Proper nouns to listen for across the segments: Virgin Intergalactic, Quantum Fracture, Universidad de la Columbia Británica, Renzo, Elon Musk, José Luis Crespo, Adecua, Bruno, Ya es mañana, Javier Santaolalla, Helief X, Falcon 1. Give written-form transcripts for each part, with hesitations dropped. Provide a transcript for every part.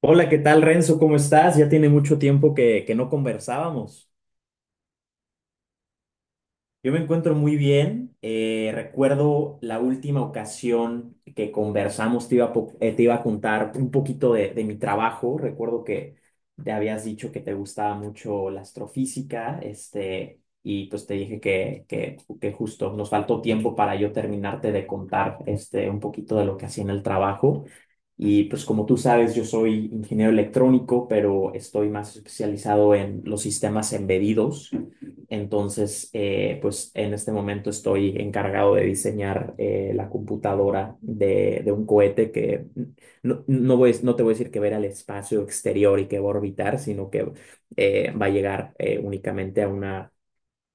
Hola, ¿qué tal, Renzo? ¿Cómo estás? Ya tiene mucho tiempo que no conversábamos. Yo me encuentro muy bien. Recuerdo la última ocasión que conversamos, te iba a contar un poquito de mi trabajo. Recuerdo que te habías dicho que te gustaba mucho la astrofísica, este, y pues te dije que justo nos faltó tiempo para yo terminarte de contar este, un poquito de lo que hacía en el trabajo. Y pues como tú sabes, yo soy ingeniero electrónico, pero estoy más especializado en los sistemas embedidos. Entonces, pues en este momento estoy encargado de diseñar la computadora de un cohete que no te voy a decir que va a ir al espacio exterior y que va a orbitar, sino que va a llegar únicamente a una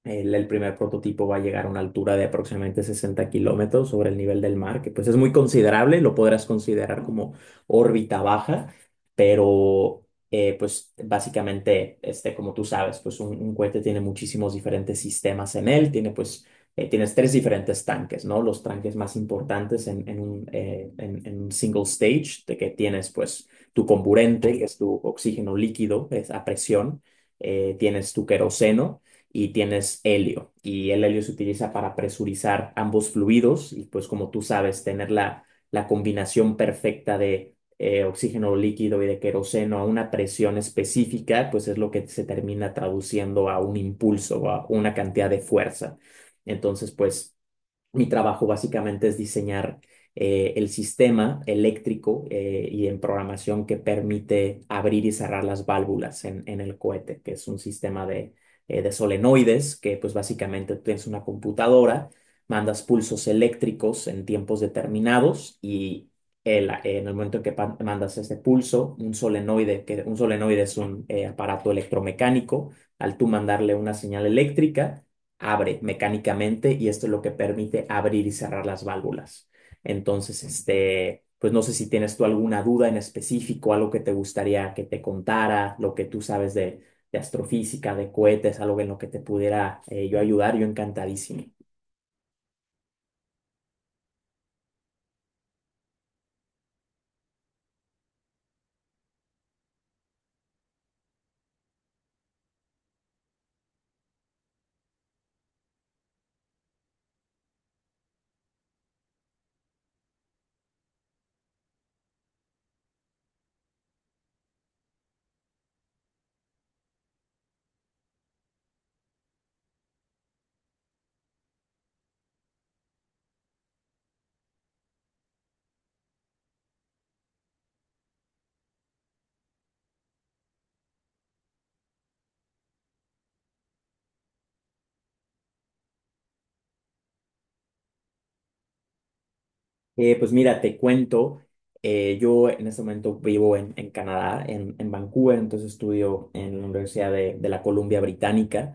el primer prototipo va a llegar a una altura de aproximadamente 60 kilómetros sobre el nivel del mar, que pues es muy considerable, lo podrás considerar como órbita baja, pero pues básicamente, este, como tú sabes, pues un cohete tiene muchísimos diferentes sistemas en él, tiene pues, tienes tres diferentes tanques, ¿no? Los tanques más importantes en un, en un single stage, de que tienes pues tu comburente, que es tu oxígeno líquido, es a presión, tienes tu queroseno, y tienes helio. Y el helio se utiliza para presurizar ambos fluidos y pues como tú sabes, tener la, la combinación perfecta de oxígeno líquido y de queroseno a una presión específica, pues es lo que se termina traduciendo a un impulso o a una cantidad de fuerza. Entonces, pues... Mi trabajo básicamente es diseñar el sistema eléctrico y en programación que permite abrir y cerrar las válvulas en el cohete, que es un sistema de solenoides, que pues básicamente tienes una computadora, mandas pulsos eléctricos en tiempos determinados y en el momento en que mandas ese pulso, un solenoide, que un solenoide es un aparato electromecánico, al tú mandarle una señal eléctrica, abre mecánicamente y esto es lo que permite abrir y cerrar las válvulas. Entonces, este, pues no sé si tienes tú alguna duda en específico, algo que te gustaría que te contara, lo que tú sabes de astrofísica, de cohetes, algo en lo que te pudiera, yo ayudar, yo encantadísimo. Pues mira, te cuento, yo en este momento vivo en Canadá, en Vancouver, entonces estudio en la Universidad de la Columbia Británica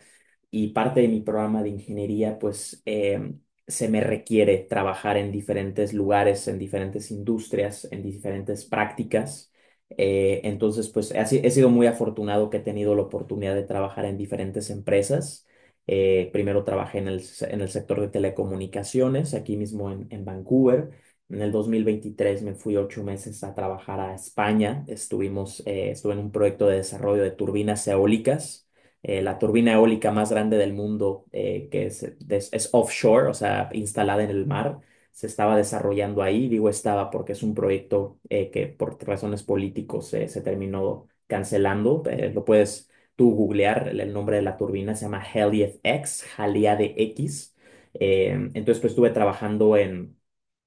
y parte de mi programa de ingeniería, pues se me requiere trabajar en diferentes lugares, en diferentes industrias, en diferentes prácticas. Entonces, pues he, si- he sido muy afortunado que he tenido la oportunidad de trabajar en diferentes empresas. Primero trabajé en en el sector de telecomunicaciones, aquí mismo en Vancouver. En el 2023 me fui 8 meses a trabajar a España. Estuve en un proyecto de desarrollo de turbinas eólicas. La turbina eólica más grande del mundo, es offshore, o sea, instalada en el mar, se estaba desarrollando ahí. Digo estaba porque es un proyecto que por razones políticos se terminó cancelando. Lo puedes tú googlear, el nombre de la turbina se llama Helief X, Jalía de X. Entonces, pues estuve trabajando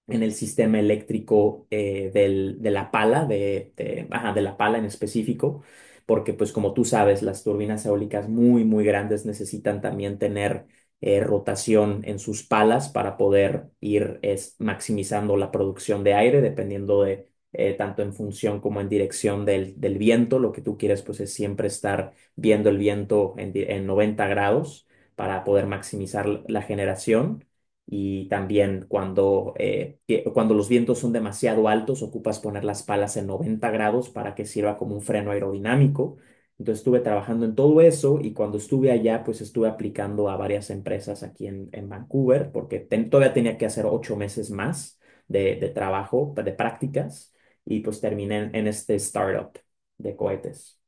en el sistema eléctrico de la pala, ajá, de la pala en específico, porque pues como tú sabes, las turbinas eólicas muy, muy grandes necesitan también tener rotación en sus palas para poder ir maximizando la producción de aire, dependiendo de, tanto en función como en dirección del viento. Lo que tú quieres pues es siempre estar viendo el viento en 90 grados para poder maximizar la generación, y también cuando, cuando los vientos son demasiado altos, ocupas poner las palas en 90 grados para que sirva como un freno aerodinámico. Entonces estuve trabajando en todo eso y cuando estuve allá, pues estuve aplicando a varias empresas aquí en Vancouver porque todavía tenía que hacer 8 meses más de trabajo, de prácticas y pues terminé en este startup de cohetes.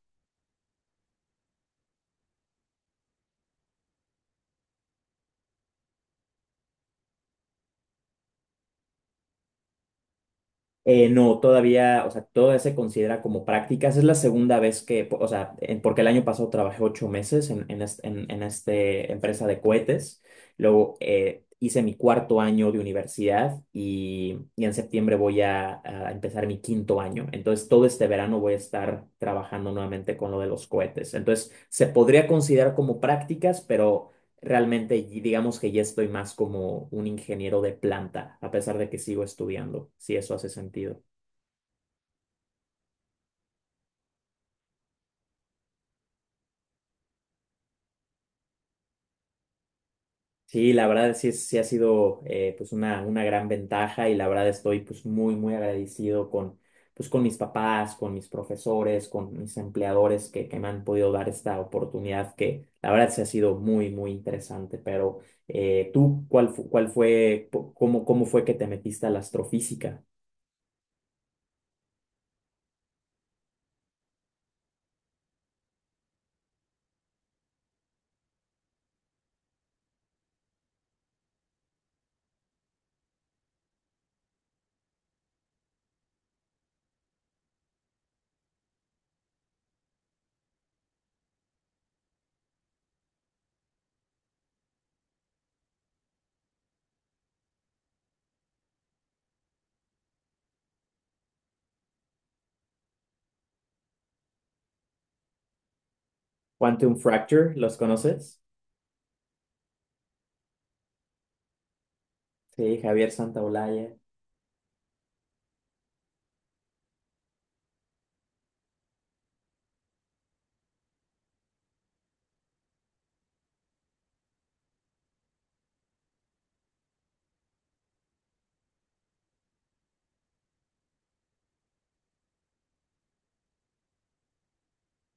No, todavía, o sea, todavía se considera como prácticas. Es la segunda vez que, o sea, porque el año pasado trabajé 8 meses en este empresa de cohetes. Luego hice mi cuarto año de universidad y en septiembre voy a empezar mi quinto año. Entonces, todo este verano voy a estar trabajando nuevamente con lo de los cohetes. Entonces, se podría considerar como prácticas, pero realmente, digamos que ya estoy más como un ingeniero de planta, a pesar de que sigo estudiando, si eso hace sentido. Sí, la verdad sí, sí ha sido, pues una gran ventaja y la verdad estoy pues muy, muy agradecido con, pues, con mis papás, con mis profesores, con mis empleadores que me han podido dar esta oportunidad que la verdad sí ha sido muy, muy interesante. Pero tú, ¿ cuál fue, cómo, ¿cómo fue que te metiste a la astrofísica? Quantum Fracture, ¿los conoces? Sí, Javier Santaolalla.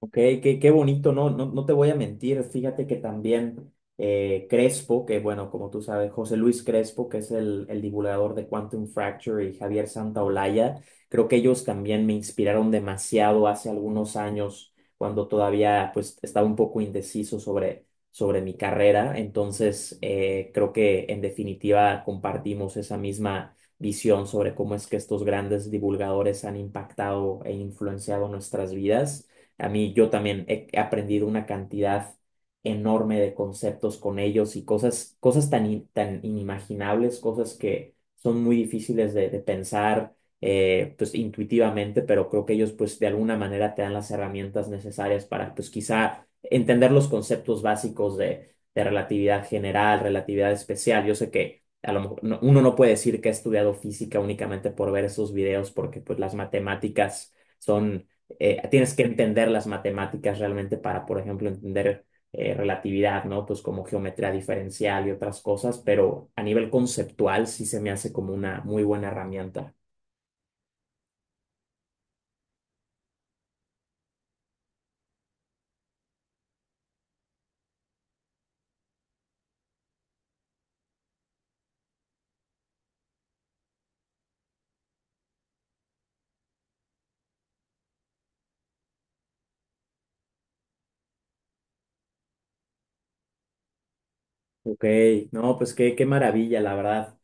Ok, qué, qué bonito, no, no, no te voy a mentir, fíjate que también Crespo, que bueno, como tú sabes, José Luis Crespo, que es el divulgador de Quantum Fracture y Javier Santaolalla, creo que ellos también me inspiraron demasiado hace algunos años, cuando todavía pues estaba un poco indeciso sobre, sobre mi carrera, entonces creo que en definitiva compartimos esa misma visión sobre cómo es que estos grandes divulgadores han impactado e influenciado nuestras vidas. A mí yo también he aprendido una cantidad enorme de conceptos con ellos y cosas, cosas tan, tan inimaginables, cosas que son muy difíciles de pensar, pues intuitivamente, pero creo que ellos pues de alguna manera te dan las herramientas necesarias para pues quizá entender los conceptos básicos de relatividad general, relatividad especial. Yo sé que a lo mejor uno no puede decir que ha estudiado física únicamente por ver esos videos porque pues las matemáticas son, tienes que entender las matemáticas realmente para, por ejemplo, entender relatividad, ¿no? Pues como geometría diferencial y otras cosas, pero a nivel conceptual sí se me hace como una muy buena herramienta. Ok, no, pues qué, qué maravilla, la verdad.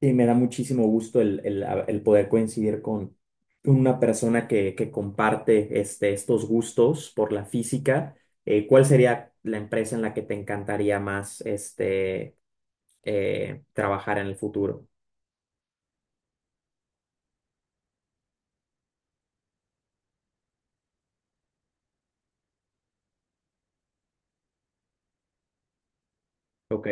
Y me da muchísimo gusto el poder coincidir con una persona que comparte este, estos gustos por la física. ¿Cuál sería la empresa en la que te encantaría más este, trabajar en el futuro? Ok.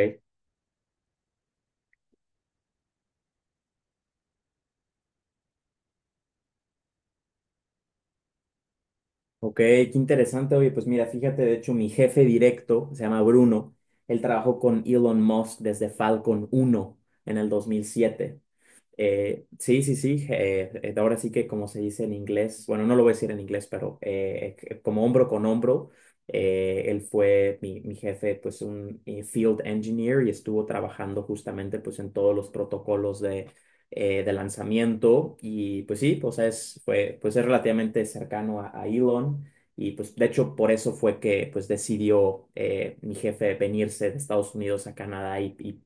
Ok, qué interesante. Oye, pues mira, fíjate, de hecho, mi jefe directo se llama Bruno. Él trabajó con Elon Musk desde Falcon 1 en el 2007. Sí, sí, sí. Ahora sí que como se dice en inglés, bueno, no lo voy a decir en inglés, pero como hombro con hombro, él fue mi jefe, pues un field engineer y estuvo trabajando justamente pues en todos los protocolos de lanzamiento y pues sí, o sea, es, fue, pues es relativamente cercano a Elon y pues de hecho por eso fue que pues decidió mi jefe venirse de Estados Unidos a Canadá y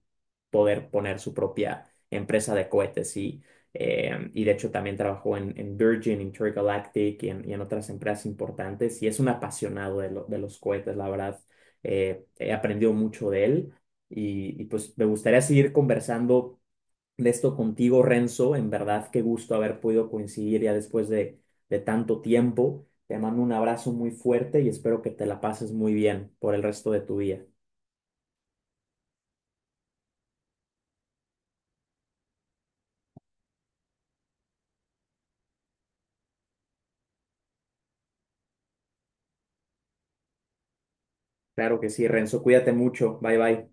poder poner su propia empresa de cohetes y de hecho también trabajó en Virgin, Intergalactic y en otras empresas importantes y es un apasionado de, de los cohetes, la verdad. He aprendido mucho de él y pues me gustaría seguir conversando de esto contigo, Renzo. En verdad, qué gusto haber podido coincidir ya después de tanto tiempo. Te mando un abrazo muy fuerte y espero que te la pases muy bien por el resto de tu día. Claro que sí, Renzo. Cuídate mucho. Bye bye.